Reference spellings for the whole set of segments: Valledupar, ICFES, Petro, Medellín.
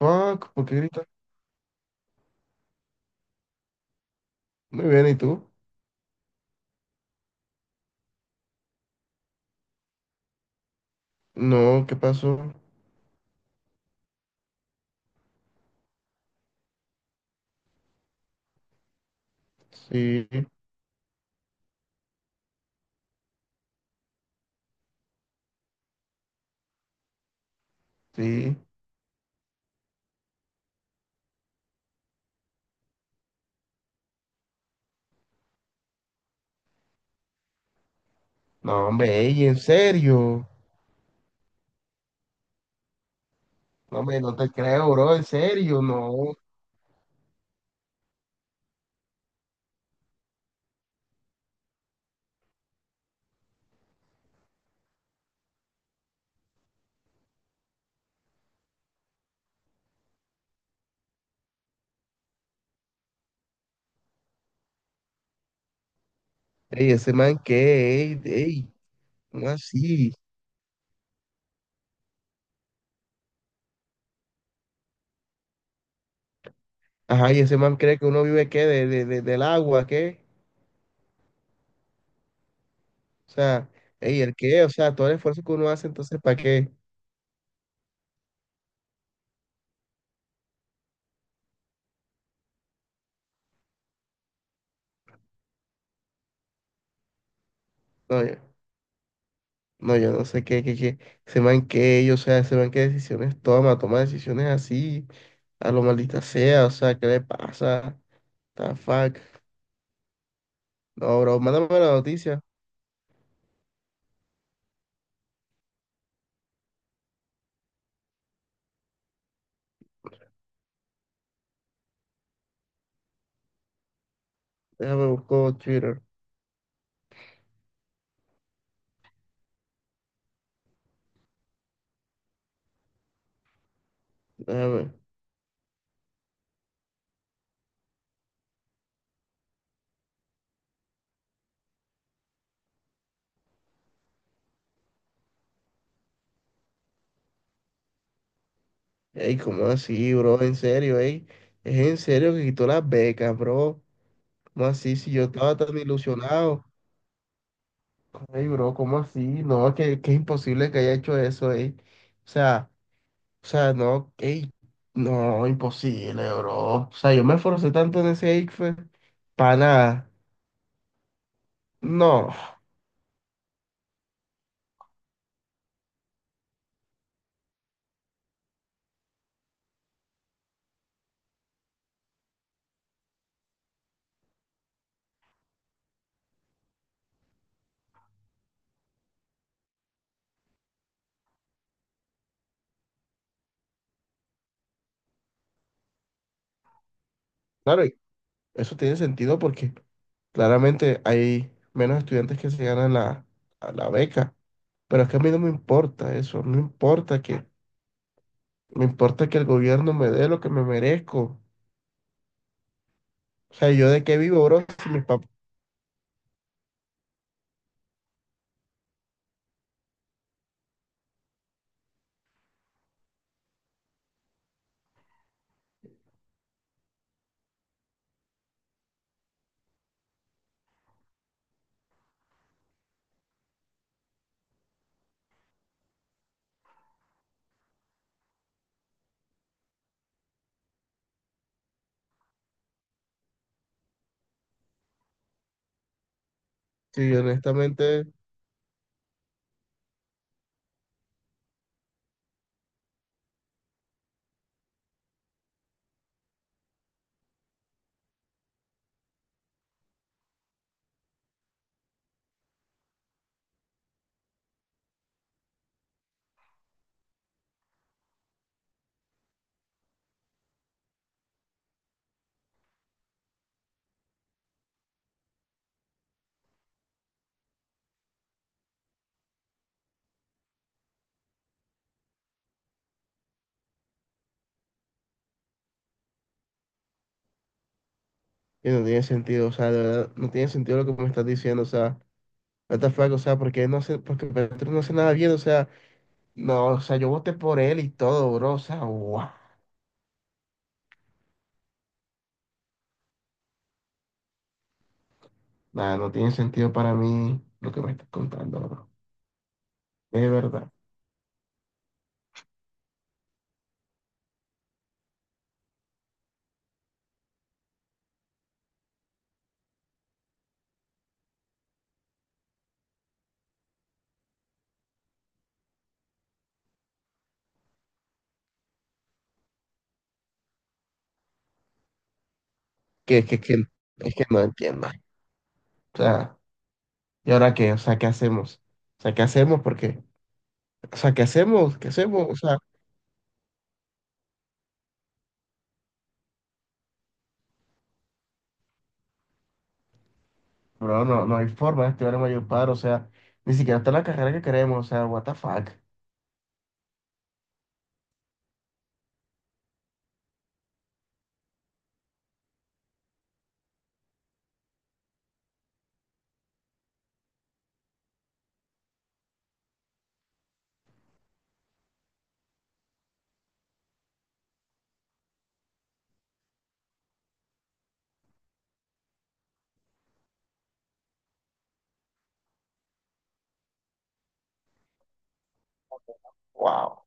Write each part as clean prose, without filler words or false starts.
Fuck ¿por qué grita? Muy bien, ¿y tú? No, ¿qué pasó? Sí, sí. No, hombre, ey, en serio. No, hombre, no te creo, bro, en serio, no. Ey, ese man qué, ey, ey, ¿cómo así? Ajá, y ese man cree que uno vive qué, del agua, ¿qué? O sea, ey, ¿el qué? O sea, todo el esfuerzo que uno hace, entonces, ¿para qué? No, yo, no, yo no sé qué, qué, qué. Ese man qué, ey, o sea, ese man qué decisiones toma, toma decisiones así, a lo maldita sea, o sea, ¿qué le pasa? The fuck. No, bro, mándame la noticia. Déjame buscar Twitter. Déjame. Ey, ¿cómo así, bro? En serio, ey. Es en serio que quitó las becas, bro. ¿Cómo así? Si yo estaba tan ilusionado. Ey, bro, ¿cómo así? No, es que es imposible que haya hecho eso, ey. O sea, o sea, no, ey. No, imposible, bro. O sea, yo me esforcé tanto en ese ICFES para nada. No. Claro, y eso tiene sentido porque claramente hay menos estudiantes que se ganan a la beca, pero es que a mí no me importa eso, no importa que, me importa que el gobierno me dé lo que me merezco. O sea, ¿yo de qué vivo, bro? Si mis papás, si honestamente, y no tiene sentido, o sea, de verdad, no tiene sentido lo que me estás diciendo, o sea, what the fuck, o sea, porque Petro no hace nada bien, o sea, no, o sea, yo voté por él y todo, bro, o sea, guau. Nada, no tiene sentido para mí lo que me estás contando, bro. Es verdad. Que, que, que, es que no entiendo. O sea, ¿y ahora qué? O sea, ¿qué hacemos? O sea, ¿qué hacemos? Porque, o sea, ¿qué hacemos? ¿Qué hacemos? O sea, bro, no, no hay forma de estudiar en Valledupar, o sea, ni siquiera está la carrera que queremos, o sea, what the fuck. Wow,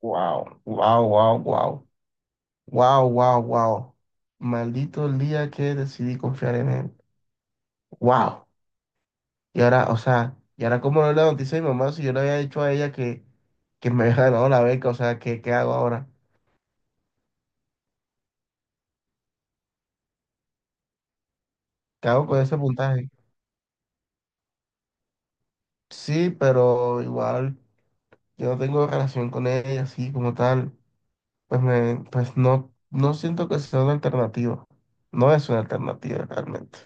wow, wow, wow, wow, wow, wow, wow. Maldito el día que decidí confiar en él. Wow. Y ahora, o sea, ¿y ahora cómo no le noticia a mi mamá si yo le había dicho a ella que me había ganado la beca? O sea, ¿qué hago ahora? ¿Qué hago con ese puntaje? Sí, pero igual. Yo no tengo relación con ella así como tal, pues no siento que sea una alternativa. No es una alternativa realmente.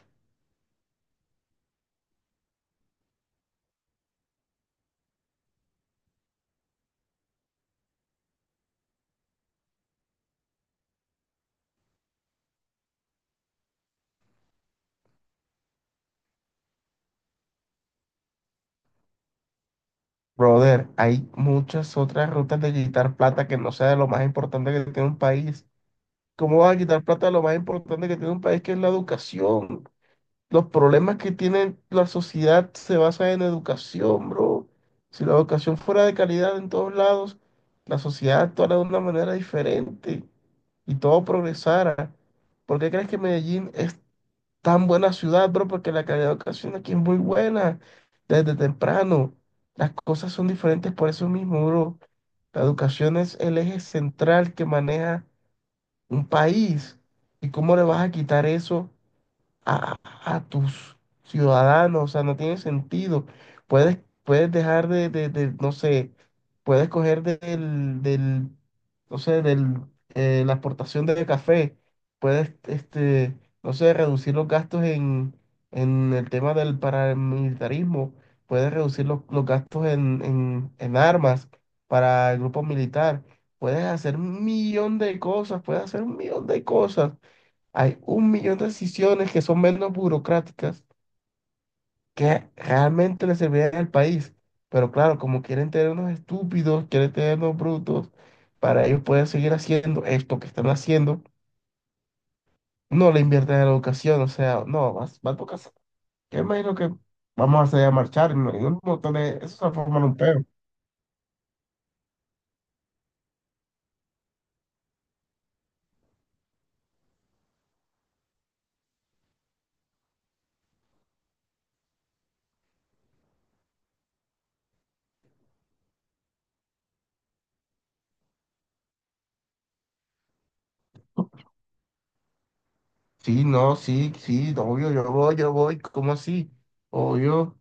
Brother, hay muchas otras rutas de quitar plata que no sea de lo más importante que tiene un país. ¿Cómo vas a quitar plata de lo más importante que tiene un país, que es la educación? Los problemas que tiene la sociedad se basan en educación, bro. Si la educación fuera de calidad en todos lados, la sociedad actuara de una manera diferente y todo progresara. ¿Por qué crees que Medellín es tan buena ciudad, bro? Porque la calidad de educación aquí es muy buena desde temprano. Las cosas son diferentes por eso mismo, bro. La educación es el eje central que maneja un país. ¿Y cómo le vas a quitar eso? a, a tus ciudadanos, o sea, no tiene sentido. Puedes, puedes dejar no sé, puedes coger no sé, la exportación de café, puedes, no sé, reducir los gastos en el tema del paramilitarismo, puedes reducir los gastos en armas para el grupo militar. Puedes hacer un millón de cosas, puedes hacer un millón de cosas. Hay un millón de decisiones que son menos burocráticas que realmente le servirían al país. Pero claro, como quieren tener unos estúpidos, quieren tener unos brutos, para ellos poder seguir haciendo esto que están haciendo, no le invierten en la educación. O sea, no, va a tocar. Yo imagino que vamos a salir a marchar, ¿no? Y un montón eso se va a formar un peo. Sí, no, sí, sí, no, obvio, yo voy, yo voy. ¿Cómo así? Obvio.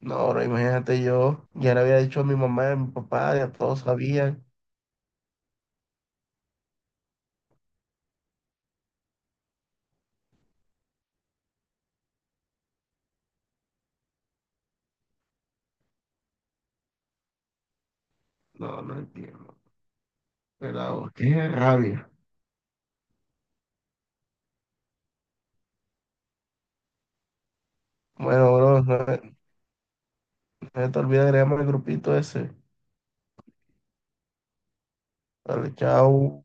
No, ahora imagínate yo, ya le había dicho a mi mamá y a mi papá, ya todos sabían. No, no entiendo. Pero qué rabia. Bueno, bro, no se te olvide agregarme al grupito ese. Dale, chao.